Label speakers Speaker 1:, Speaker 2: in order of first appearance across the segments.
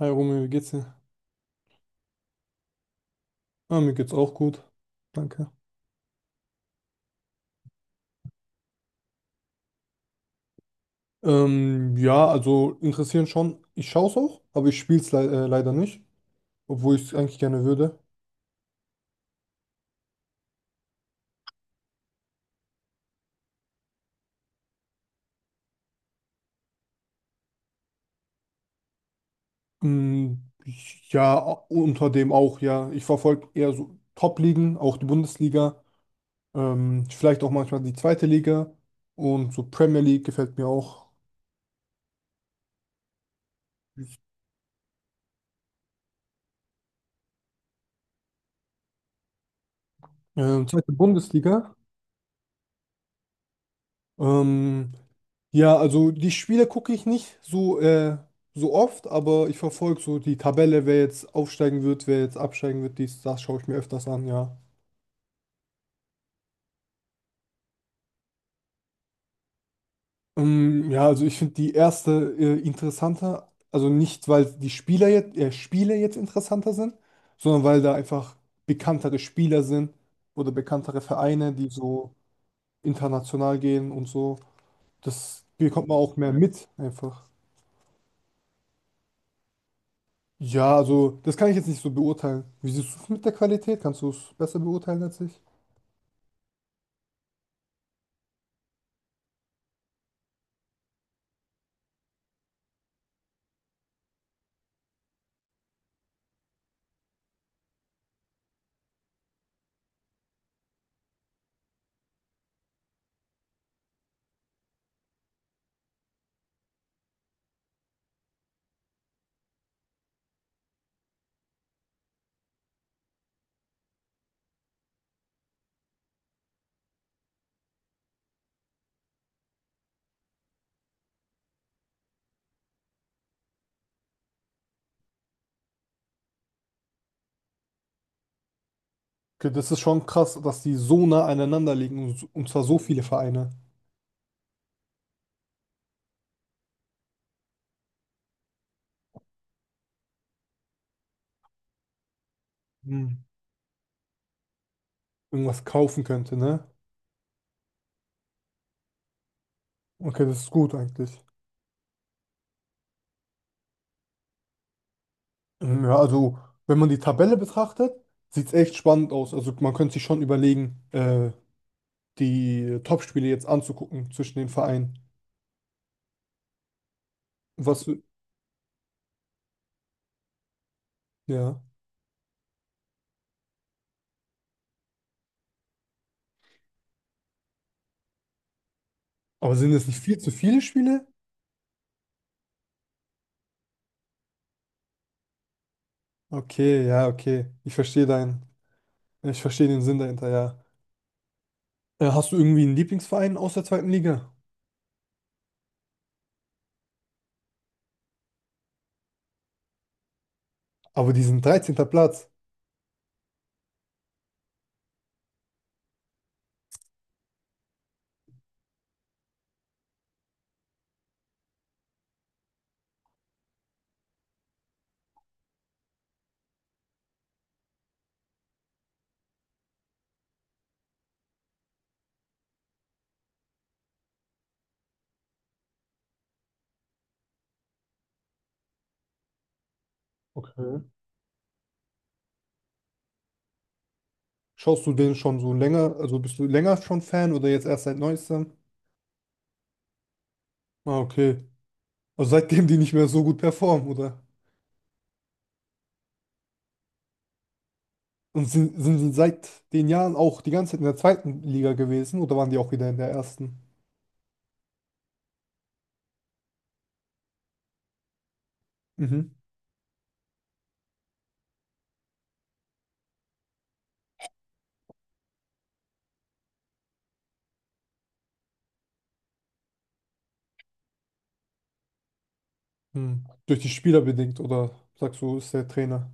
Speaker 1: Hi Romeo, wie geht's dir? Ah, mir geht's auch gut. Danke. Ja, also interessieren schon. Ich schaue es auch, aber ich spiele es le leider nicht, obwohl ich es eigentlich gerne würde. Ähm, ja, unter dem auch, ja. Ich verfolge eher so Top-Ligen, auch die Bundesliga, vielleicht auch manchmal die zweite Liga und so Premier League gefällt mir auch. Zweite Bundesliga. Ähm, Ja, also die Spiele gucke ich nicht so oft, aber ich verfolge so die Tabelle, wer jetzt aufsteigen wird, wer jetzt absteigen wird, dies, das schaue ich mir öfters an, ja. Ja, also ich finde die erste interessanter, also nicht, weil die Spiele jetzt interessanter sind, sondern weil da einfach bekanntere Spieler sind oder bekanntere Vereine, die so international gehen und so. Das bekommt man auch mehr mit, einfach. Ja, also das kann ich jetzt nicht so beurteilen. Wie siehst du es mit der Qualität? Kannst du es besser beurteilen als ich? Okay, das ist schon krass, dass die so nah aneinander liegen und zwar so viele Vereine. Hm. Irgendwas kaufen könnte, ne? Okay, das ist gut eigentlich. Ja, also wenn man die Tabelle betrachtet, sieht es echt spannend aus. Also man könnte sich schon überlegen, die Top-Spiele jetzt anzugucken zwischen den Vereinen. Was, für- ja. Aber sind es nicht viel zu viele Spiele? Okay, ja, okay. Ich verstehe den Sinn dahinter, ja. Hast du irgendwie einen Lieblingsverein aus der zweiten Liga? Aber diesen 13. Platz, okay. Schaust du den schon so länger? Also bist du länger schon Fan oder jetzt erst seit neuestem? Ah, okay. Also seitdem die nicht mehr so gut performen, oder? Und sind sie seit den Jahren auch die ganze Zeit in der zweiten Liga gewesen oder waren die auch wieder in der ersten? Mhm. Hm. Durch die Spieler bedingt, oder sagst du, ist der Trainer?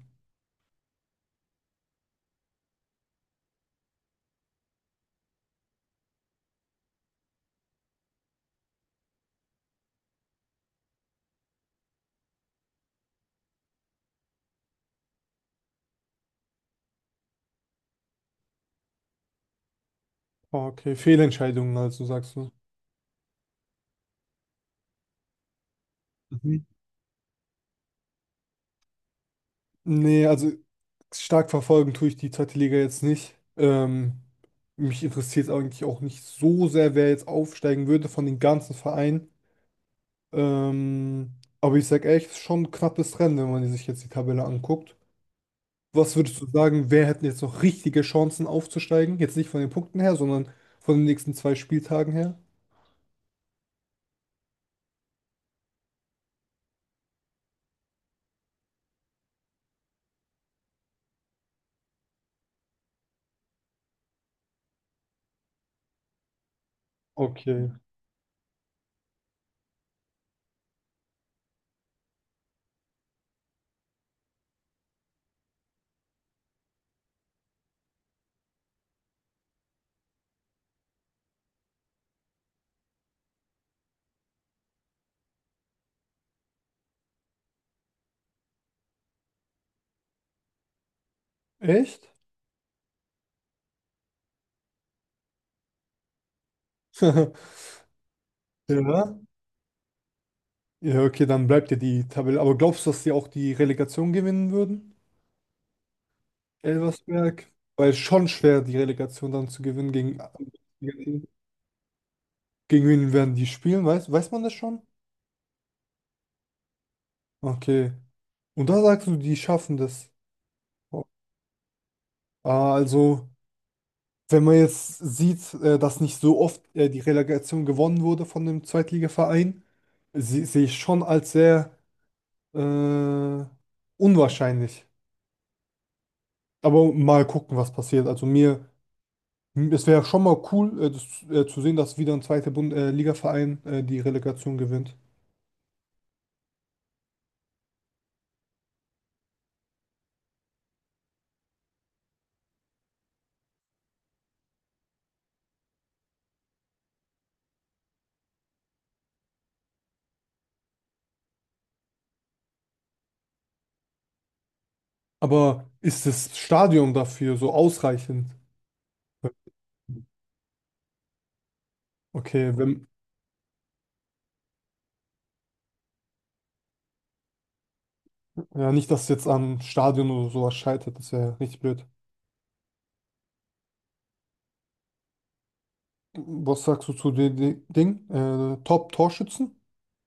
Speaker 1: Ah, okay. Fehlentscheidungen, also sagst du. Nee, also stark verfolgen tue ich die zweite Liga jetzt nicht. Mich interessiert es eigentlich auch nicht so sehr, wer jetzt aufsteigen würde von den ganzen Vereinen. Ähm, aber ich sag ehrlich, es ist schon ein knappes Rennen, wenn man sich jetzt die Tabelle anguckt. Was würdest du sagen, wer hätten jetzt noch richtige Chancen aufzusteigen? Jetzt nicht von den Punkten her, sondern von den nächsten 2 Spieltagen her? Okay. Echt? Ja. Ja, okay, dann bleibt ja die Tabelle. Aber glaubst du, dass sie auch die Relegation gewinnen würden? Elversberg? Weil es schon schwer, die Relegation dann zu gewinnen gegen. Gegen wen werden die spielen? Weiß man das schon? Okay. Und da sagst du, die schaffen das. Oh. Ah, also, wenn man jetzt sieht, dass nicht so oft die Relegation gewonnen wurde von dem Zweitligaverein, sehe ich schon als sehr äh, unwahrscheinlich. Aber mal gucken, was passiert. Also es wäre schon mal cool, das, zu sehen, dass wieder ein zweiter Bund Ligaverein die Relegation gewinnt. Aber ist das Stadion dafür so ausreichend? Okay, wenn, ja, nicht, dass es jetzt am Stadion oder sowas scheitert, das wäre richtig blöd. Was sagst du zu dem Ding? Top-Torschützen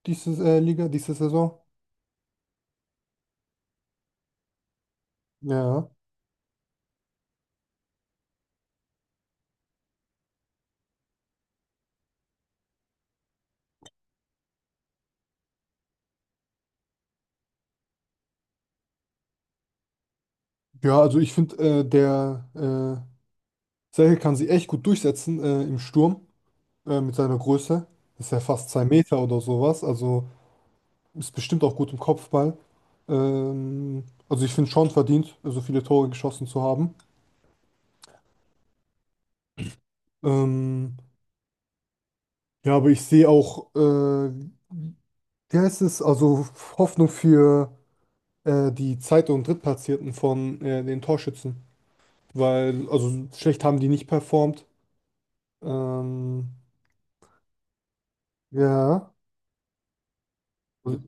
Speaker 1: diese Liga, diese Saison? Ja. Ja, also ich finde, der Serhel kann sich echt gut durchsetzen im Sturm mit seiner Größe. Ist ja fast 2 Meter oder sowas. Also ist bestimmt auch gut im Kopfball. Also ich finde schon verdient, so viele Tore geschossen zu haben. Ähm, ja, aber ich sehe auch ja, es also Hoffnung für die Zweit- und Drittplatzierten von den Torschützen, weil also schlecht haben die nicht performt. Ähm, ja, also,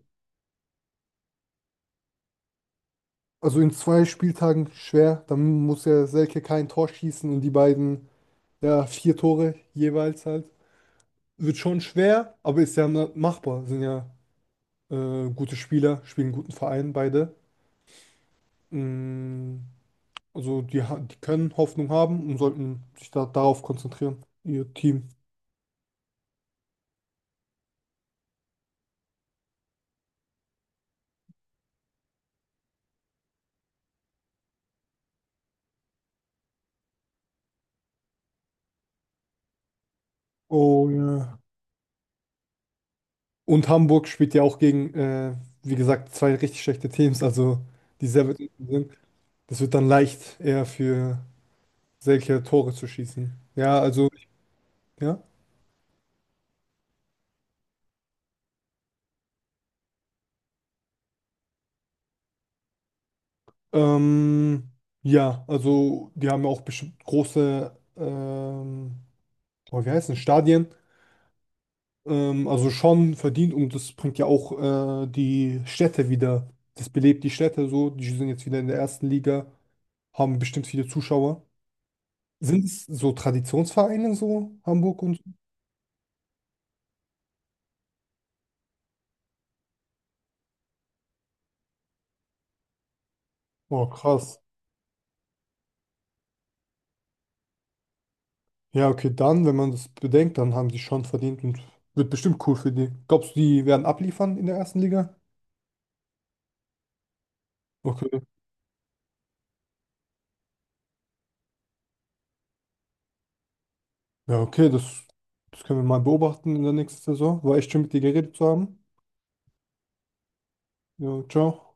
Speaker 1: also in 2 Spieltagen schwer, dann muss ja Selke kein Tor schießen und die beiden, ja, vier Tore jeweils halt. Wird schon schwer, aber ist ja machbar. Sind ja gute Spieler, spielen einen guten Verein beide. Mm, also die können Hoffnung haben und sollten sich da darauf konzentrieren, ihr Team. Oh ja. Und Hamburg spielt ja auch gegen, wie gesagt, zwei richtig schlechte Teams, also die sehr weit unten sind. Das wird dann leicht, eher für solche Tore zu schießen. Ja, also, ja. Ähm, ja, also die haben ja auch bestimmt große, oh, wie heißt es, Stadien. Also schon verdient und das bringt ja auch die Städte wieder. Das belebt die Städte so. Die sind jetzt wieder in der ersten Liga, haben bestimmt viele Zuschauer. Sind es so Traditionsvereine so, Hamburg und so? Oh, krass. Ja, okay, dann, wenn man das bedenkt, dann haben die schon verdient und wird bestimmt cool für die. Glaubst du, die werden abliefern in der ersten Liga? Okay. Ja, okay, das können wir mal beobachten in der nächsten Saison. War echt schön, mit dir geredet zu haben. Ja, ciao.